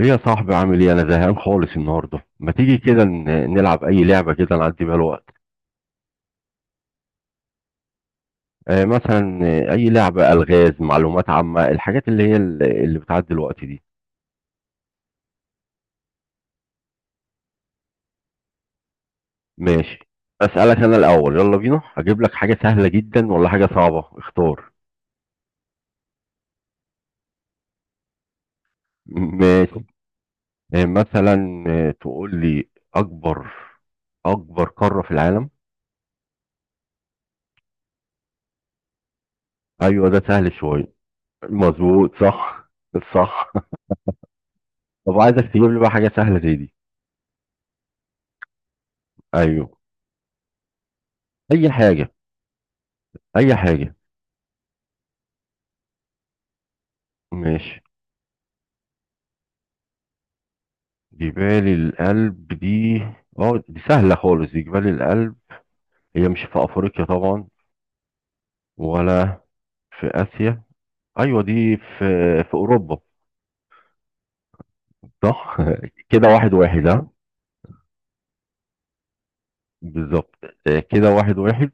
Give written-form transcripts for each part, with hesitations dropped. ايه يا صاحبي، عامل ايه؟ انا زهقان خالص النهارده. ما تيجي كده نلعب اي لعبه كده نعدي بيها الوقت. مثلا، اي لعبه الغاز، معلومات عامه، الحاجات اللي هي اللي بتعدي الوقت دي. ماشي. اسالك انا الاول، يلا بينا. هجيب لك حاجه سهله جدا ولا حاجه صعبه؟ اختار. ماشي. مثلا، تقول لي اكبر اكبر قاره في العالم؟ ايوه، ده سهل شويه. مظبوط، صح. صح. طب عايزك تجيب لي بقى حاجه سهله زي دي. ايوه، اي حاجه. اي حاجة. ماشي. جبال الألب دي... اه دي سهلة خالص، دي جبال الألب. هي مش في افريقيا طبعا، ولا في اسيا. ايوه دي في اوروبا. صح. كده واحد واحد، ها. بالظبط. كده واحد واحد.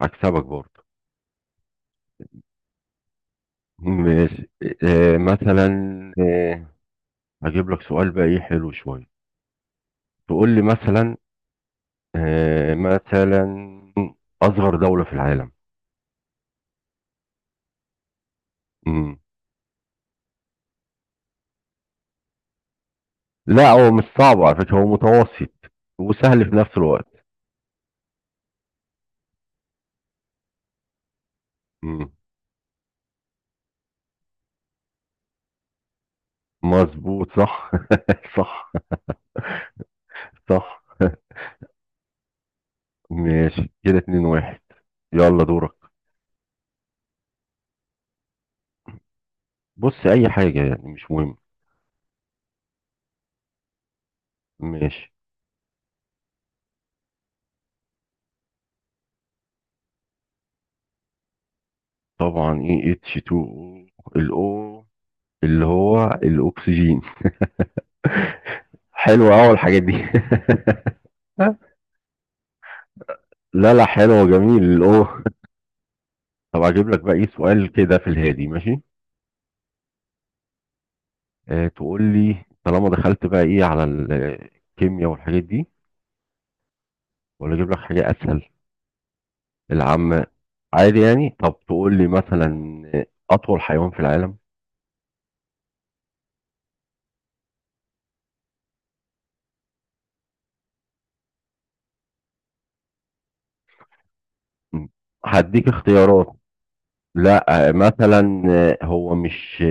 هكسبك برضه. ماشي. مثلا، آه، هجيب لك سؤال بقى ايه حلو شوية. تقول لي مثلا، مثلا، اصغر دولة في العالم. لا، هو مش صعب على فكرة، هو متوسط وسهل في نفس الوقت. مم. مظبوط، صح. صح. صح. ماشي، كده اتنين واحد. يلا دورك. بص، اي حاجة يعني مش مهم. ماشي. طبعا ايه، اتش 2 او، الاو اللي هو الاكسجين. حلوة اهو الحاجات دي. لا لا، حلوة. جميل الاو. طب اجيب لك بقى ايه سؤال كده في الهادي، ماشي. تقول لي، طالما دخلت بقى ايه على الكيمياء والحاجات دي، ولا اجيب لك حاجه اسهل؟ العامه عادي يعني. طب تقول لي مثلا، اطول حيوان في العالم. م. هديك اختيارات. لا، مثلا، هو مش...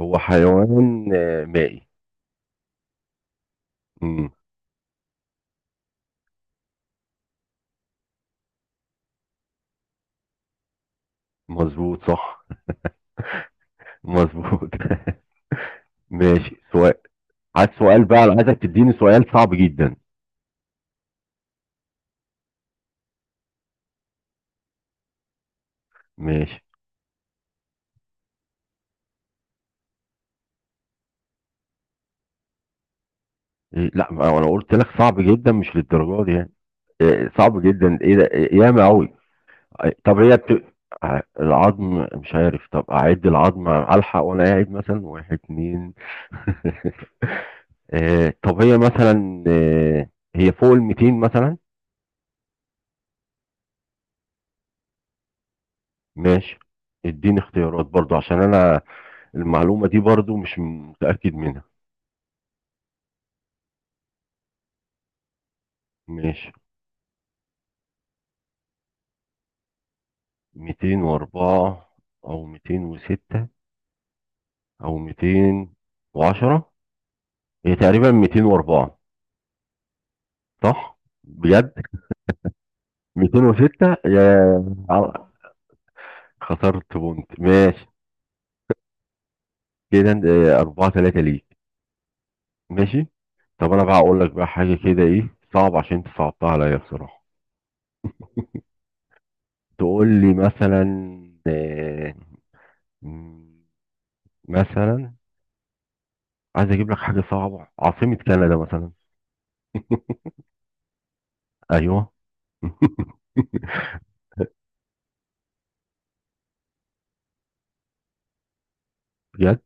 هو حيوان مائي. م. مظبوط، صح. مظبوط. ماشي، سؤال. عايز سؤال بقى، عايزك تديني سؤال صعب جدا. ماشي. لا، ما انا قلت لك صعب جدا مش للدرجه دي يعني. صعب جدا ايه ده؟ ياما قوي. طب هي العظم مش عارف. طب اعد العظم الحق وانا قاعد، مثلا واحد اتنين. طب هي مثلا، هي فوق ال 200 مثلا. ماشي، اديني اختيارات برضو عشان انا المعلومة دي برضو مش متأكد منها. ماشي. 204 او 206 او 210. هي تقريبا 204. صح؟ بجد؟ 206 يا... خسرت بونت. ماشي كده. أربعة تلاتة ليك. ماشي. طب أنا بقى أقول لك بقى حاجة كده إيه صعب، عشان أنت صعبتها عليا بصراحة. تقول لي مثلا، آه، م- مثلا، عايز أجيب لك حاجة صعبة، عاصمة كندا مثلا. أيوه. بجد؟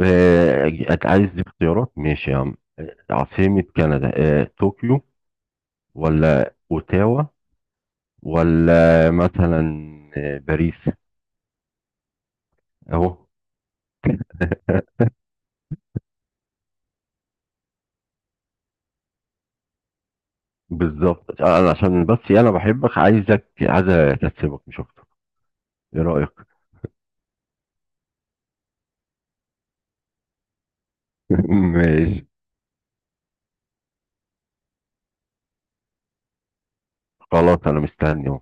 آه، أنت عايز اختيارات؟ ماشي يا عم. عاصمة كندا، طوكيو، ولا أوتاوا، ولا مثلا باريس. أهو. بالظبط، انا عشان بس انا بحبك، عايزك... عايز اكسبك مش اكتر. ايه رايك؟ ماشي. خلاص انا مستني اهو.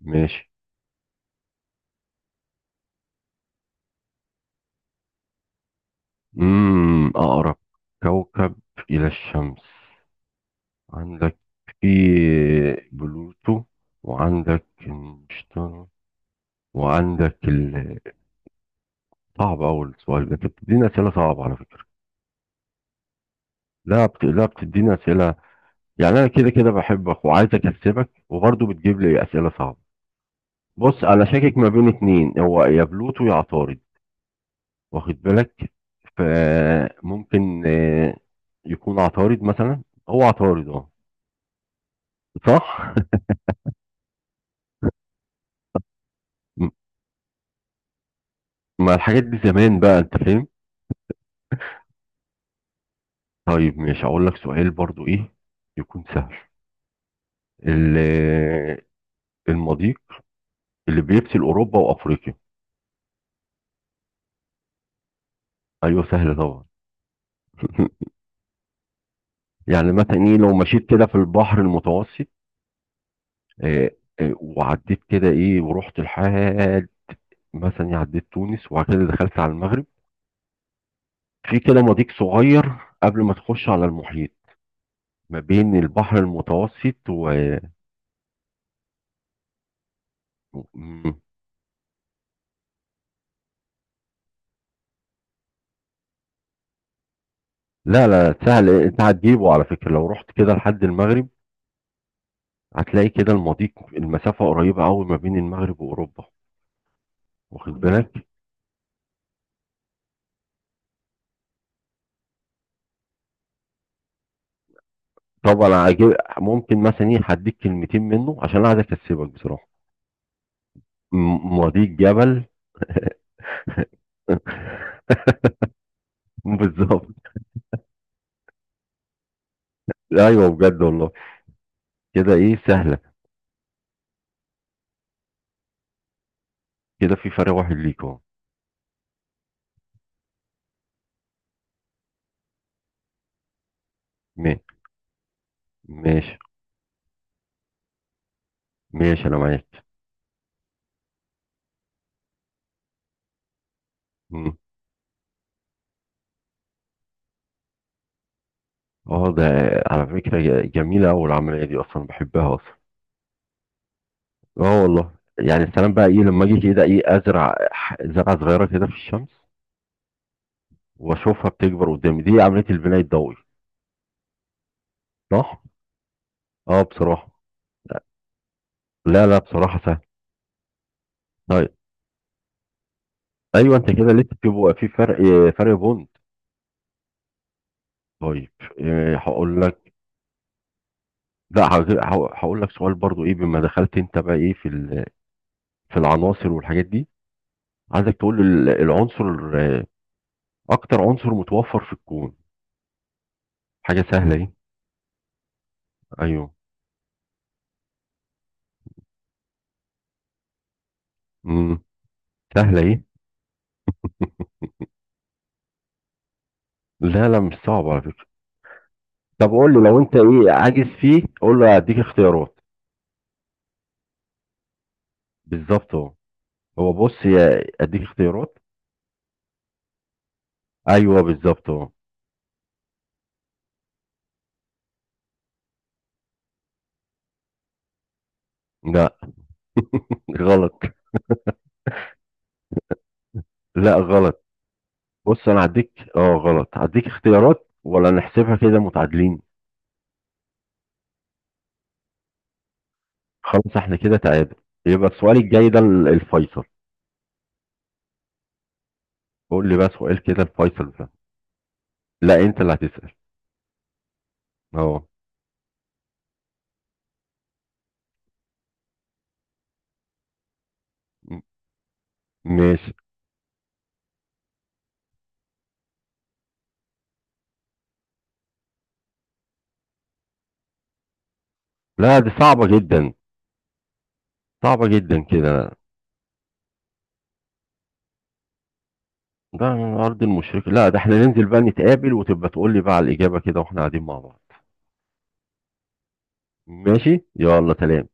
ماشي. اقرب كوكب الى الشمس، عندك في بلوتو، وعندك المشتري، وعندك صعب اول سؤال ده، انت بتديني اسئله صعبه على فكره. لا بتديني اسئله يعني. انا كده كده بحبك وعايز اكسبك، وبرضه بتجيب لي اسئله صعبه. بص، انا شاكك ما بين اتنين، هو يا بلوتو يا عطارد، واخد بالك؟ فممكن يكون عطارد مثلا. هو عطارد، اه. صح. ما الحاجات دي زمان بقى، انت فاهم. طيب، ماشي. هقول لك سؤال برضو ايه يكون سهل. ال- آه، المضيق اللي بيفصل اوروبا وافريقيا. ايوه، سهل طبعا. يعني مثلا ايه، لو مشيت كده في البحر المتوسط، آه، وعديت كده ايه ورحت لحد مثلا، عديت تونس وبعد كده دخلت على المغرب، في كده مضيق صغير قبل ما تخش على المحيط، ما بين البحر المتوسط و... مم. لا لا، سهل، انت هتجيبه على فكرة. لو رحت كده لحد المغرب، هتلاقي كده المضيق، المسافة قريبة قوي ما بين المغرب وأوروبا، واخد بالك؟ طبعا هجيب، ممكن مثلا ايه هديك كلمتين منه، عشان انا عايز اكسبك بصراحة. مضيق جبل... بالظبط. ايوه، بجد والله. كده ايه، سهلة. كده في فرق واحد ليك اهو. ما- ماشي. ماشي، انا معاك. اه، ده على فكرة جميلة أوي العملية دي، أصلا بحبها أصلا. اه والله يعني، السلام بقى إيه، لما أجي كده إيه أزرع زرعة صغيرة كده في الشمس، وأشوفها بتكبر قدامي، دي عملية البناء الضوئي. صح؟ اه بصراحة، لا لا، بصراحة سهل. طيب. أيوه، أنت كده لسه بيبقى في فرق. فرق بوند. طيب. هقول لك... لا، هقول لك سؤال برضو إيه، بما دخلت أنت بقى إيه في في العناصر والحاجات دي. عايزك تقول لي العنصر أكتر عنصر متوفر في الكون. حاجة سهلة دي. أيوه. امم سهلة ايه. لا لا، مش صعب على فكرة. طب قول له، لو انت ايه عاجز فيه قول له هديك اختيارات. بالظبط اهو. هو بص يا، اديك اختيارات. ايوه، بالظبط اهو. لا، غلط. لا غلط. بص، انا هديك اه غلط، هديك اختيارات ولا نحسبها كده متعادلين؟ خلاص، احنا كده تعادل. يبقى السؤال الجاي ده الفيصل. قول لي بقى سؤال كده، الفيصل ده. لا، انت اللي هتسأل. اه. م- ماشي. لا دي صعبة جدا، صعبة جدا كده. ده على أرض المشركة، لا ده احنا ننزل بقى نتقابل وتبقى تقول لي بقى على الإجابة كده واحنا قاعدين مع بعض. ماشي، يلا سلام.